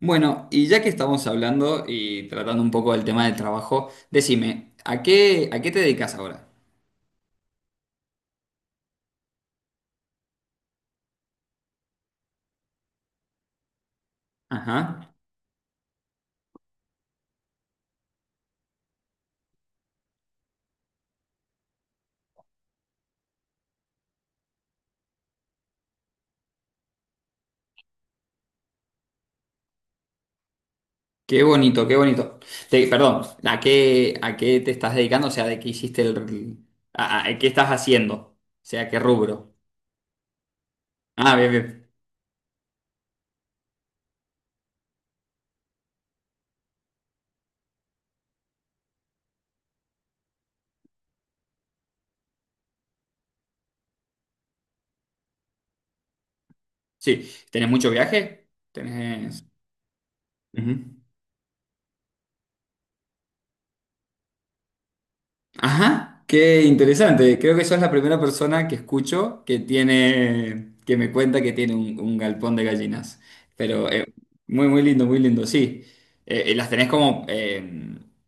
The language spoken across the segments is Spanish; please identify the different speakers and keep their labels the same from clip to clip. Speaker 1: Bueno, y ya que estamos hablando y tratando un poco del tema del trabajo, decime, a qué te dedicas ahora? Ajá, qué bonito, qué bonito. Te- perdón, a qué te estás dedicando? O sea, ¿de qué hiciste el... a- qué estás haciendo? O sea, ¿qué rubro? Ah, bien, bien. Sí, ¿tenés mucho viaje? Tenés... Ujú. Ajá, qué interesante. Creo que sos la primera persona que escucho que tiene, que me cuenta que tiene un galpón de gallinas. Pero muy, muy lindo, sí. Y las tenés como,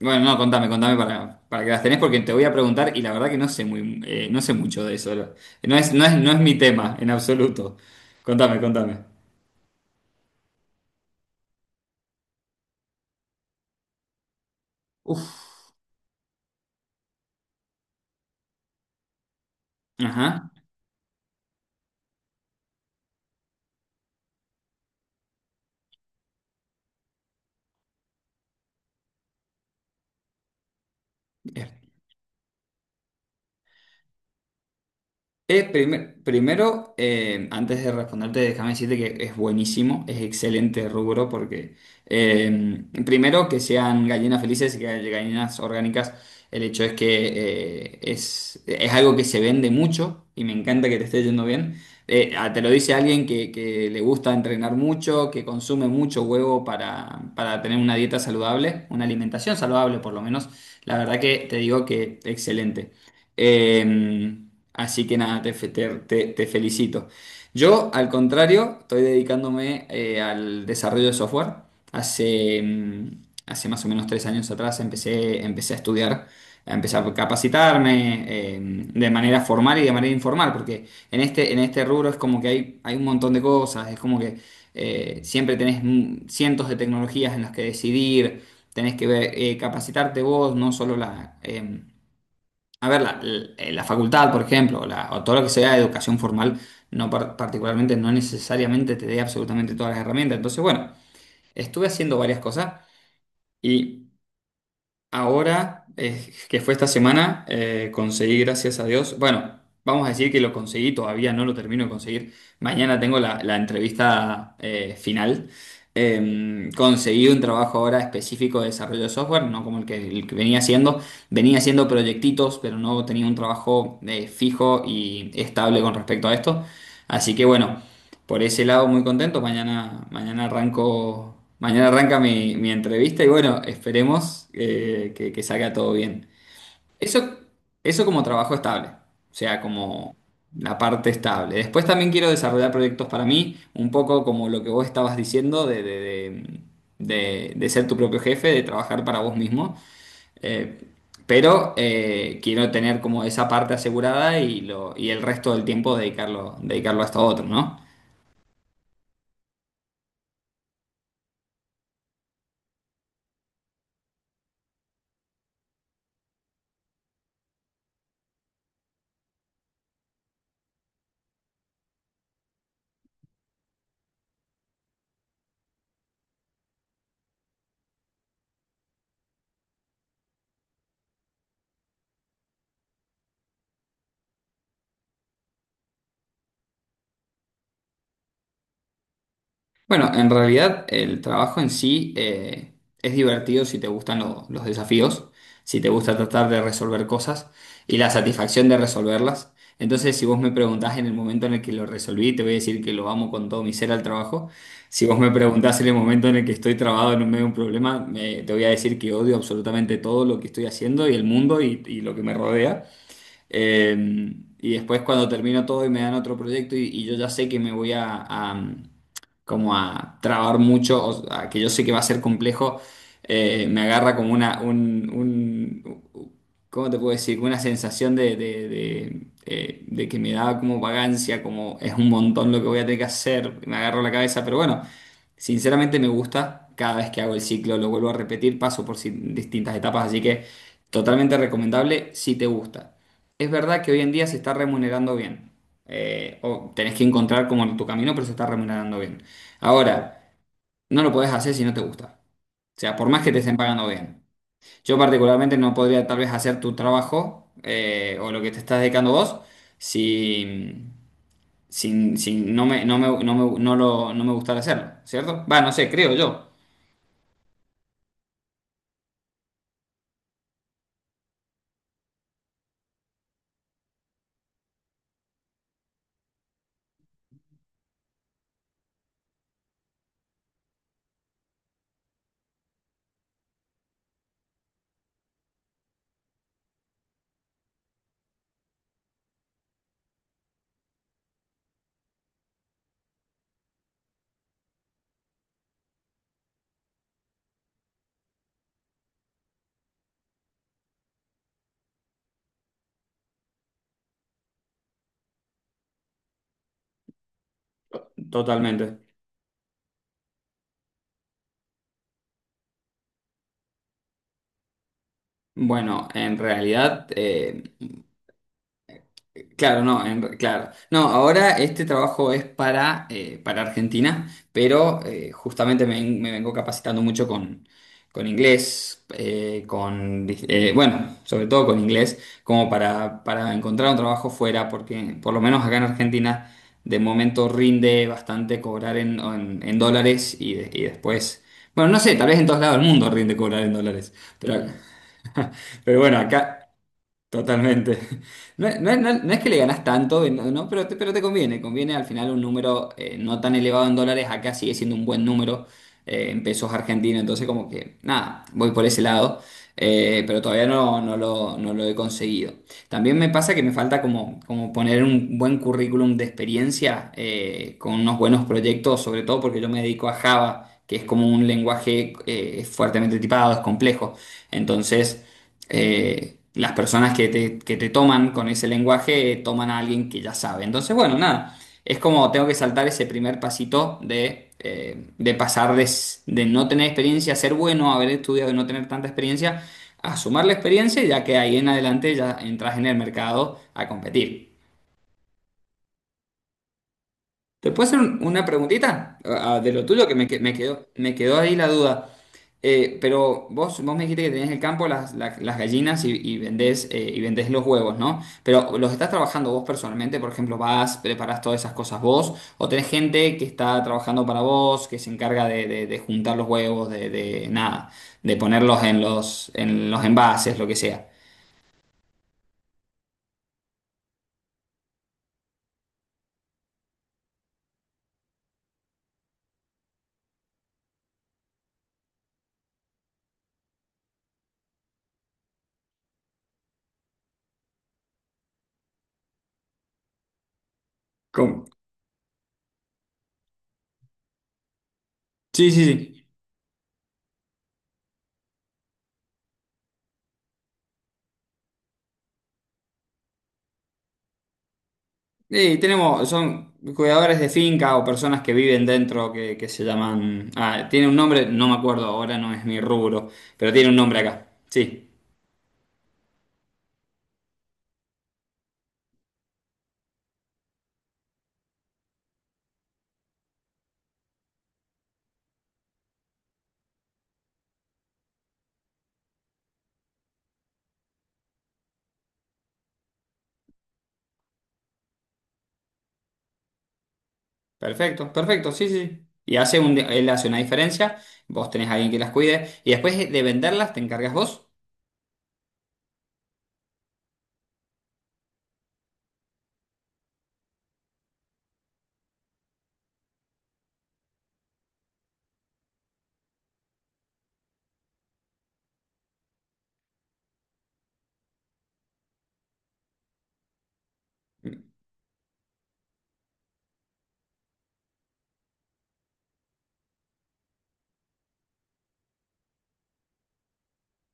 Speaker 1: bueno, no, contame, contame para que las tenés porque te voy a preguntar y la verdad que no sé muy, no sé mucho de eso. No es, no es, no es mi tema en absoluto. Contame, contame. Uf. Ajá. Primer- primero, antes de responderte, déjame decirte que es buenísimo, es excelente rubro porque primero que sean gallinas felices y que haya gallinas orgánicas, el hecho es que es algo que se vende mucho y me encanta que te esté yendo bien. Te lo dice alguien que le gusta entrenar mucho, que consume mucho huevo para tener una dieta saludable, una alimentación saludable por lo menos. La verdad que te digo que excelente. Eh, así que nada, te, fe- te- te- te felicito. Yo, al contrario, estoy dedicándome al desarrollo de software. Hace, mm, hace más o menos tres años atrás empecé, empecé a estudiar, a empezar a capacitarme de manera formal y de manera informal, porque en este rubro es como que hay un montón de cosas, es como que siempre tenés cientos de tecnologías en las que decidir, tenés que ver, capacitarte vos, no solo la... a ver, la- la facultad, por ejemplo, la- o todo lo que sea educación formal, no par- particularmente, no necesariamente te dé absolutamente todas las herramientas. Entonces, bueno, estuve haciendo varias cosas y ahora, que fue esta semana, conseguí, gracias a Dios, bueno, vamos a decir que lo conseguí, todavía no lo termino de conseguir, mañana tengo la, la entrevista final. Conseguí un trabajo ahora específico de desarrollo de software, no como el que venía haciendo proyectitos, pero no tenía un trabajo fijo y estable con respecto a esto. Así que bueno, por ese lado, muy contento. Mañana, mañana arranco, mañana arranca mi, mi entrevista y bueno, esperemos que salga todo bien. Eso, eso como trabajo estable, o sea, como la parte estable. Después también quiero desarrollar proyectos para mí, un poco como lo que vos estabas diciendo de ser tu propio jefe, de trabajar para vos mismo. Eh, pero quiero tener como esa parte asegurada y, lo, y el resto del tiempo dedicarlo, dedicarlo a esto otro, ¿no? Bueno, en realidad el trabajo en sí es divertido si te gustan lo- los desafíos, si te gusta tratar de resolver cosas y la satisfacción de resolverlas. Entonces, si vos me preguntás en el momento en el que lo resolví, te voy a decir que lo amo con todo mi ser al trabajo. Si vos me preguntás en el momento en el que estoy trabado en medio de un problema, me- te voy a decir que odio absolutamente todo lo que estoy haciendo y el mundo y lo que me rodea. Eh, y después cuando termino todo y me dan otro proyecto y yo ya sé que me voy a, como a trabar mucho, o a que yo sé que va a ser complejo, me agarra como una, un- ¿cómo te puedo decir? Una sensación de que me da como vagancia, como es un montón lo que voy a tener que hacer, me agarro la cabeza, pero bueno, sinceramente me gusta. Cada vez que hago el ciclo lo vuelvo a repetir, paso por si- distintas etapas, así que totalmente recomendable si te gusta. Es verdad que hoy en día se está remunerando bien. O tenés que encontrar como tu camino, pero se está remunerando bien. Ahora, no lo podés hacer si no te gusta. O sea, por más que te estén pagando bien. Yo particularmente no podría tal vez hacer tu trabajo o lo que te estás dedicando vos si, si, si no me, no me, no me- no lo, no me gustara hacerlo, ¿cierto? Va, no sé, creo yo. Totalmente. Bueno, en realidad... claro, no, en claro. No, ahora este trabajo es para Argentina, pero justamente me, ven- me vengo capacitando mucho con inglés, con, bueno, sobre todo con inglés, como para encontrar un trabajo fuera, porque por lo menos acá en Argentina de momento rinde bastante cobrar en dólares y, de- y después, bueno, no sé, tal vez en todos lados del mundo rinde cobrar en dólares, pero, pero bueno, acá. Totalmente. No, no no es- no es que le ganas tanto, no, no, pero te conviene. Conviene al final un número no tan elevado en dólares. Acá sigue siendo un buen número en pesos argentinos, entonces como que nada, voy por ese lado, pero todavía no, no lo, no lo he conseguido. También me pasa que me falta como, como poner un buen currículum de experiencia con unos buenos proyectos, sobre todo porque yo me dedico a Java, que es como un lenguaje fuertemente tipado, es complejo. Entonces, las personas que te toman con ese lenguaje toman a alguien que ya sabe. Entonces, bueno, nada. Es como tengo que saltar ese primer pasito de pasar de, s- de no tener experiencia, ser bueno, haber estudiado y no tener tanta experiencia, a sumar la experiencia, ya que ahí en adelante ya entras en el mercado a competir. ¿Te puedo hacer un- una preguntita, ah, ah, de lo tuyo que- me quedó ahí la duda? Pero vos, vos me dijiste que tenés el campo, las, la- las gallinas y vendés los huevos, ¿no? Pero ¿los estás trabajando vos personalmente? Por ejemplo, ¿vas, preparás todas esas cosas vos? ¿O tenés gente que está trabajando para vos, que se encarga de juntar los huevos, de nada, de ponerlos en los envases, lo que sea? ¿Cómo? Sí, sí, sí. Sí, tenemos, son cuidadores de finca o personas que viven dentro que se llaman. Ah, tiene un nombre, no me acuerdo ahora, no es mi rubro, pero tiene un nombre acá. Sí, perfecto, perfecto, sí, sí, sí. Y hace un, él hace una diferencia, vos tenés a alguien que las cuide, y después de venderlas te encargas vos.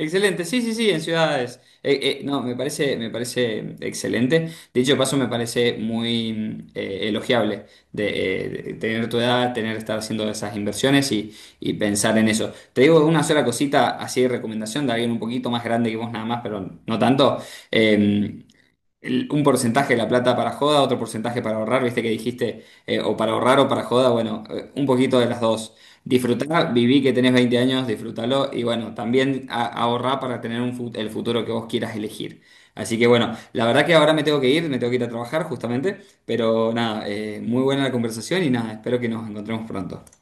Speaker 1: Excelente, sí, sí, sí, en ciudades. No, me parece excelente. Dicho paso, me parece muy elogiable de tener tu edad, tener estar haciendo esas inversiones y pensar en eso. Te digo una sola cosita, así de recomendación de alguien un poquito más grande que vos nada más, pero no tanto. Eh, el- un porcentaje de la plata para joda, otro porcentaje para ahorrar, viste que dijiste, o para ahorrar o para joda, bueno, un poquito de las dos. Disfrutá, viví que tenés 20 años, disfrútalo y bueno, también a- ahorrá para tener un fut- el futuro que vos quieras elegir. Así que bueno, la verdad que ahora me tengo que ir, me tengo que ir a trabajar justamente, pero nada, muy buena la conversación y nada, espero que nos encontremos pronto.